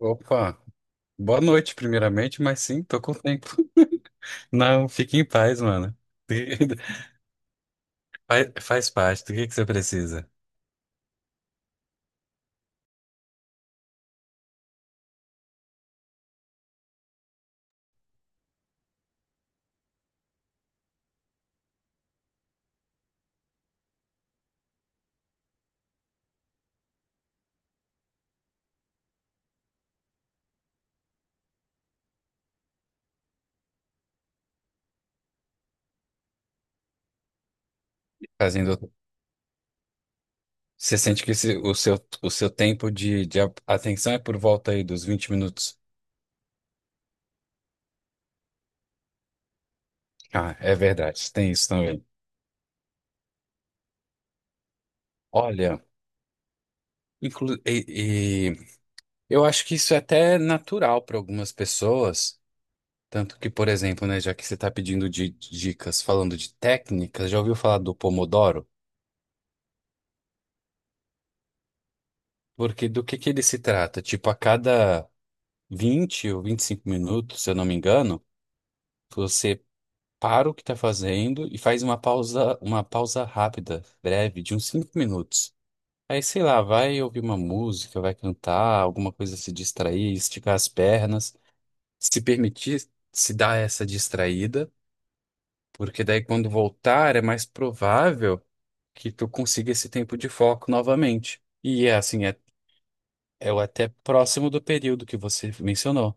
Opa, boa noite, primeiramente, mas sim, tô com tempo. Não, fique em paz, mano. Faz parte do que você precisa. Fazendo, Você sente que o seu tempo de atenção é por volta aí dos 20 minutos. Ah, é verdade, tem isso também. Olha, e eu acho que isso é até natural para algumas pessoas. Tanto que, por exemplo, né, já que você está pedindo dicas falando de técnicas, já ouviu falar do Pomodoro? Porque do que ele se trata? Tipo, a cada 20 ou 25 minutos, se eu não me engano, você para o que está fazendo e faz uma pausa rápida, breve, de uns 5 minutos. Aí, sei lá, vai ouvir uma música, vai cantar, alguma coisa se distrair, esticar as pernas, se permitir se dar essa distraída, porque daí quando voltar é mais provável que tu consiga esse tempo de foco novamente. E é assim, é até próximo do período que você mencionou.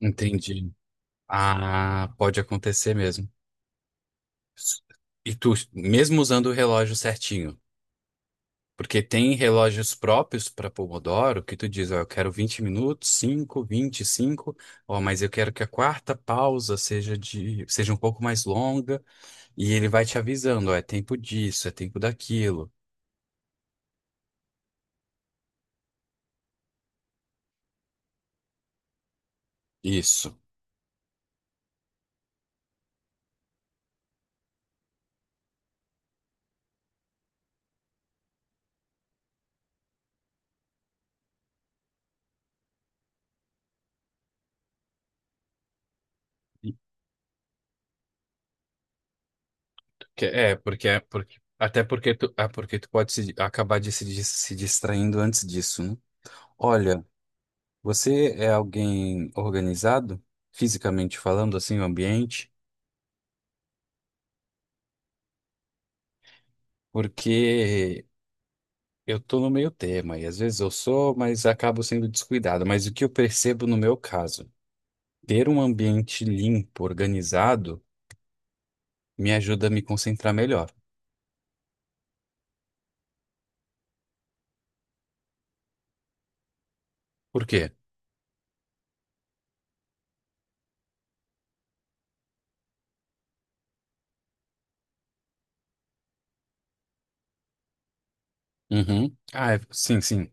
Entendi. Ah, pode acontecer mesmo. E tu, mesmo usando o relógio certinho, porque tem relógios próprios para Pomodoro que tu diz, ó, eu quero 20 minutos, cinco, ó, mas eu quero que a quarta pausa seja um pouco mais longa, e ele vai te avisando, ó, é tempo disso, é tempo daquilo. Isso. É, porque até porque tu, é porque tu pode acabar de se, dis- se distraindo antes disso, né? Olha, você é alguém organizado, fisicamente falando, assim, o ambiente? Porque eu tô no meio tema e às vezes eu sou, mas acabo sendo descuidado. Mas o que eu percebo no meu caso, ter um ambiente limpo, organizado, me ajuda a me concentrar melhor. Por quê? Uhum. Ah, sim, sim.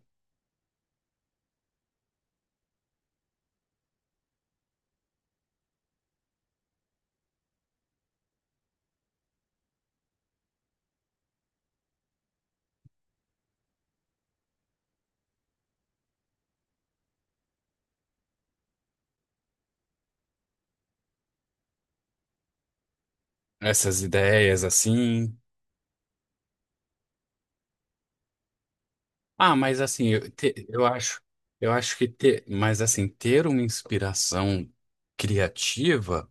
Essas ideias assim. Ah, mas assim, eu acho que ter, mas assim, ter uma inspiração criativa.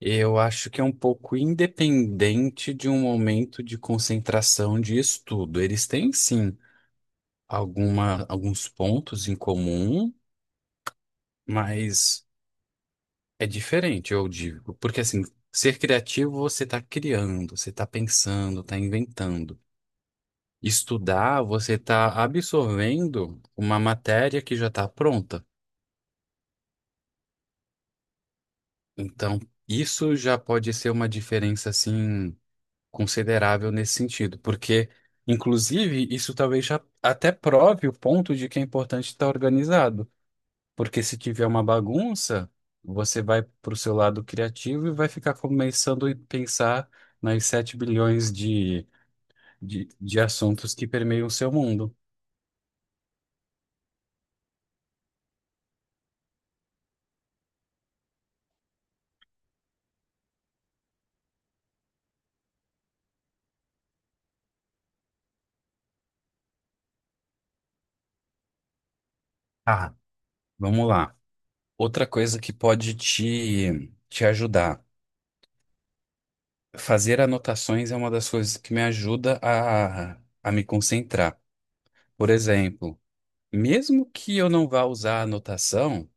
Eu acho que é um pouco independente de um momento de concentração de estudo. Eles têm, sim, alguns pontos em comum, mas é diferente, eu digo. Porque, assim, ser criativo, você está criando, você está pensando, está inventando. Estudar, você está absorvendo uma matéria que já está pronta. Então, isso já pode ser uma diferença, assim, considerável nesse sentido, porque, inclusive, isso talvez já até prove o ponto de que é importante estar organizado, porque se tiver uma bagunça, você vai para o seu lado criativo e vai ficar começando a pensar nas 7 bilhões de, de assuntos que permeiam o seu mundo. Ah, vamos lá. Outra coisa que pode te ajudar. Fazer anotações é uma das coisas que me ajuda a me concentrar. Por exemplo, mesmo que eu não vá usar a anotação,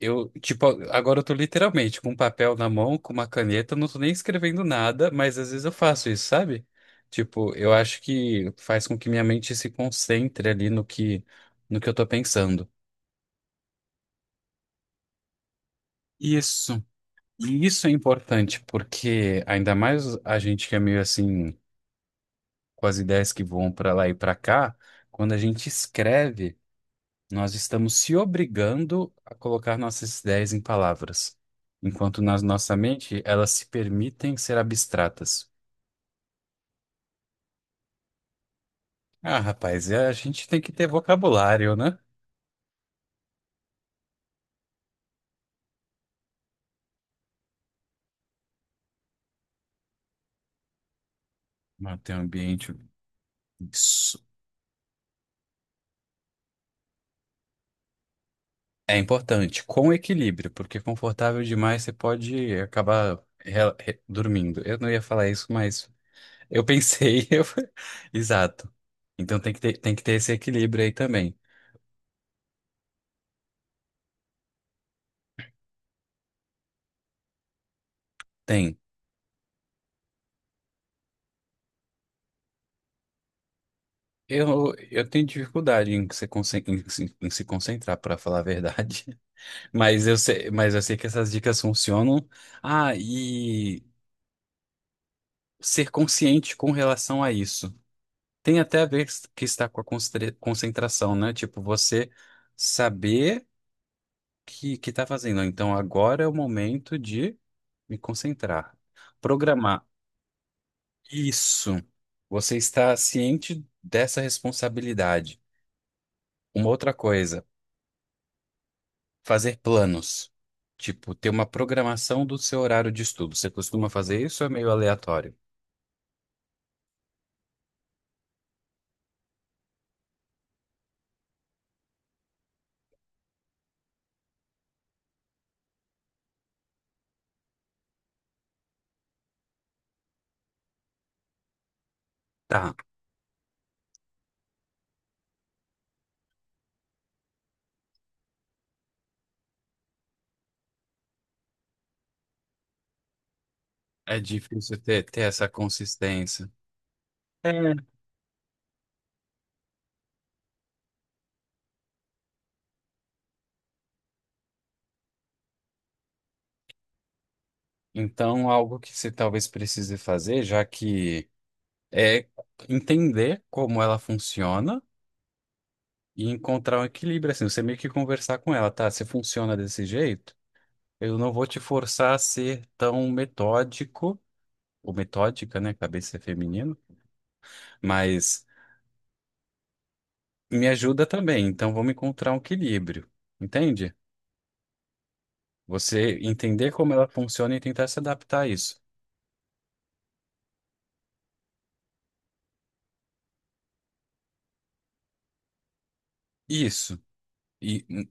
eu, tipo, agora eu tô literalmente com um papel na mão, com uma caneta, eu não tô nem escrevendo nada, mas às vezes eu faço isso, sabe? Tipo, eu acho que faz com que minha mente se concentre ali no que, no que eu tô pensando. Isso. E isso é importante, porque ainda mais a gente que é meio assim, com as ideias que vão pra lá e pra cá, quando a gente escreve. Nós estamos se obrigando a colocar nossas ideias em palavras, enquanto na nossa mente elas se permitem ser abstratas. Ah, rapaz, a gente tem que ter vocabulário, né? Manter o ambiente. Isso é importante, com equilíbrio, porque confortável demais você pode acabar dormindo. Eu não ia falar isso, mas eu pensei. Exato. Então tem que ter esse equilíbrio aí também. Tem. Eu tenho dificuldade em se, conce- em se concentrar, para falar a verdade. Mas eu sei que essas dicas funcionam. Ah, e ser consciente com relação a isso. Tem até a ver que está com a concentração, né? Tipo, você saber que está fazendo. Então, agora é o momento de me concentrar. Programar. Isso. Você está ciente dessa responsabilidade. Uma outra coisa. Fazer planos. Tipo, ter uma programação do seu horário de estudo. Você costuma fazer isso ou é meio aleatório? Tá. É difícil ter, ter essa consistência. É. Então, algo que você talvez precise fazer, já que é entender como ela funciona e encontrar um equilíbrio, assim, você meio que conversar com ela, tá? Se funciona desse jeito, eu não vou te forçar a ser tão metódico, ou metódica, né? Cabeça é feminino, mas me ajuda também, então vamos encontrar um equilíbrio, entende? Você entender como ela funciona e tentar se adaptar a isso. Isso. E hum,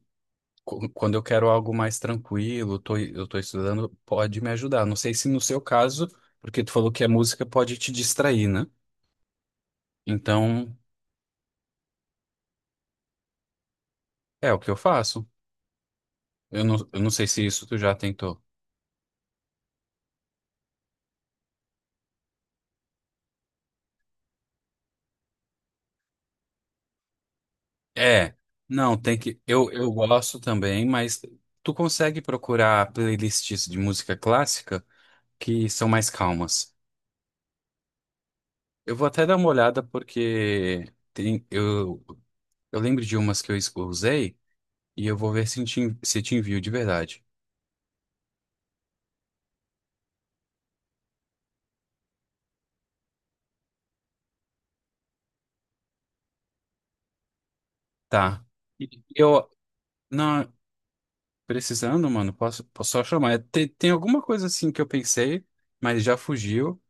qu- quando eu quero algo mais tranquilo, eu tô estudando, pode me ajudar. Não sei se no seu caso, porque tu falou que a música pode te distrair, né? Então, é o que eu faço. Eu não sei se isso tu já tentou. É, não, tem que. Eu gosto também, mas tu consegue procurar playlists de música clássica que são mais calmas. Eu vou até dar uma olhada porque tem, eu, eu lembro de umas que eu usei, e eu vou ver se te envio de verdade. Tá. E Eu, não, precisando, mano, posso só chamar. Tem alguma coisa assim que eu pensei, mas já fugiu.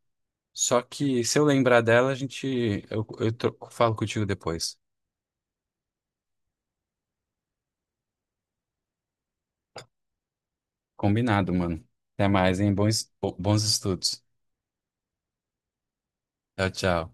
Só que se eu lembrar dela, eu falo contigo depois. Combinado, mano. Até mais, hein? Bons estudos. Tchau, tchau.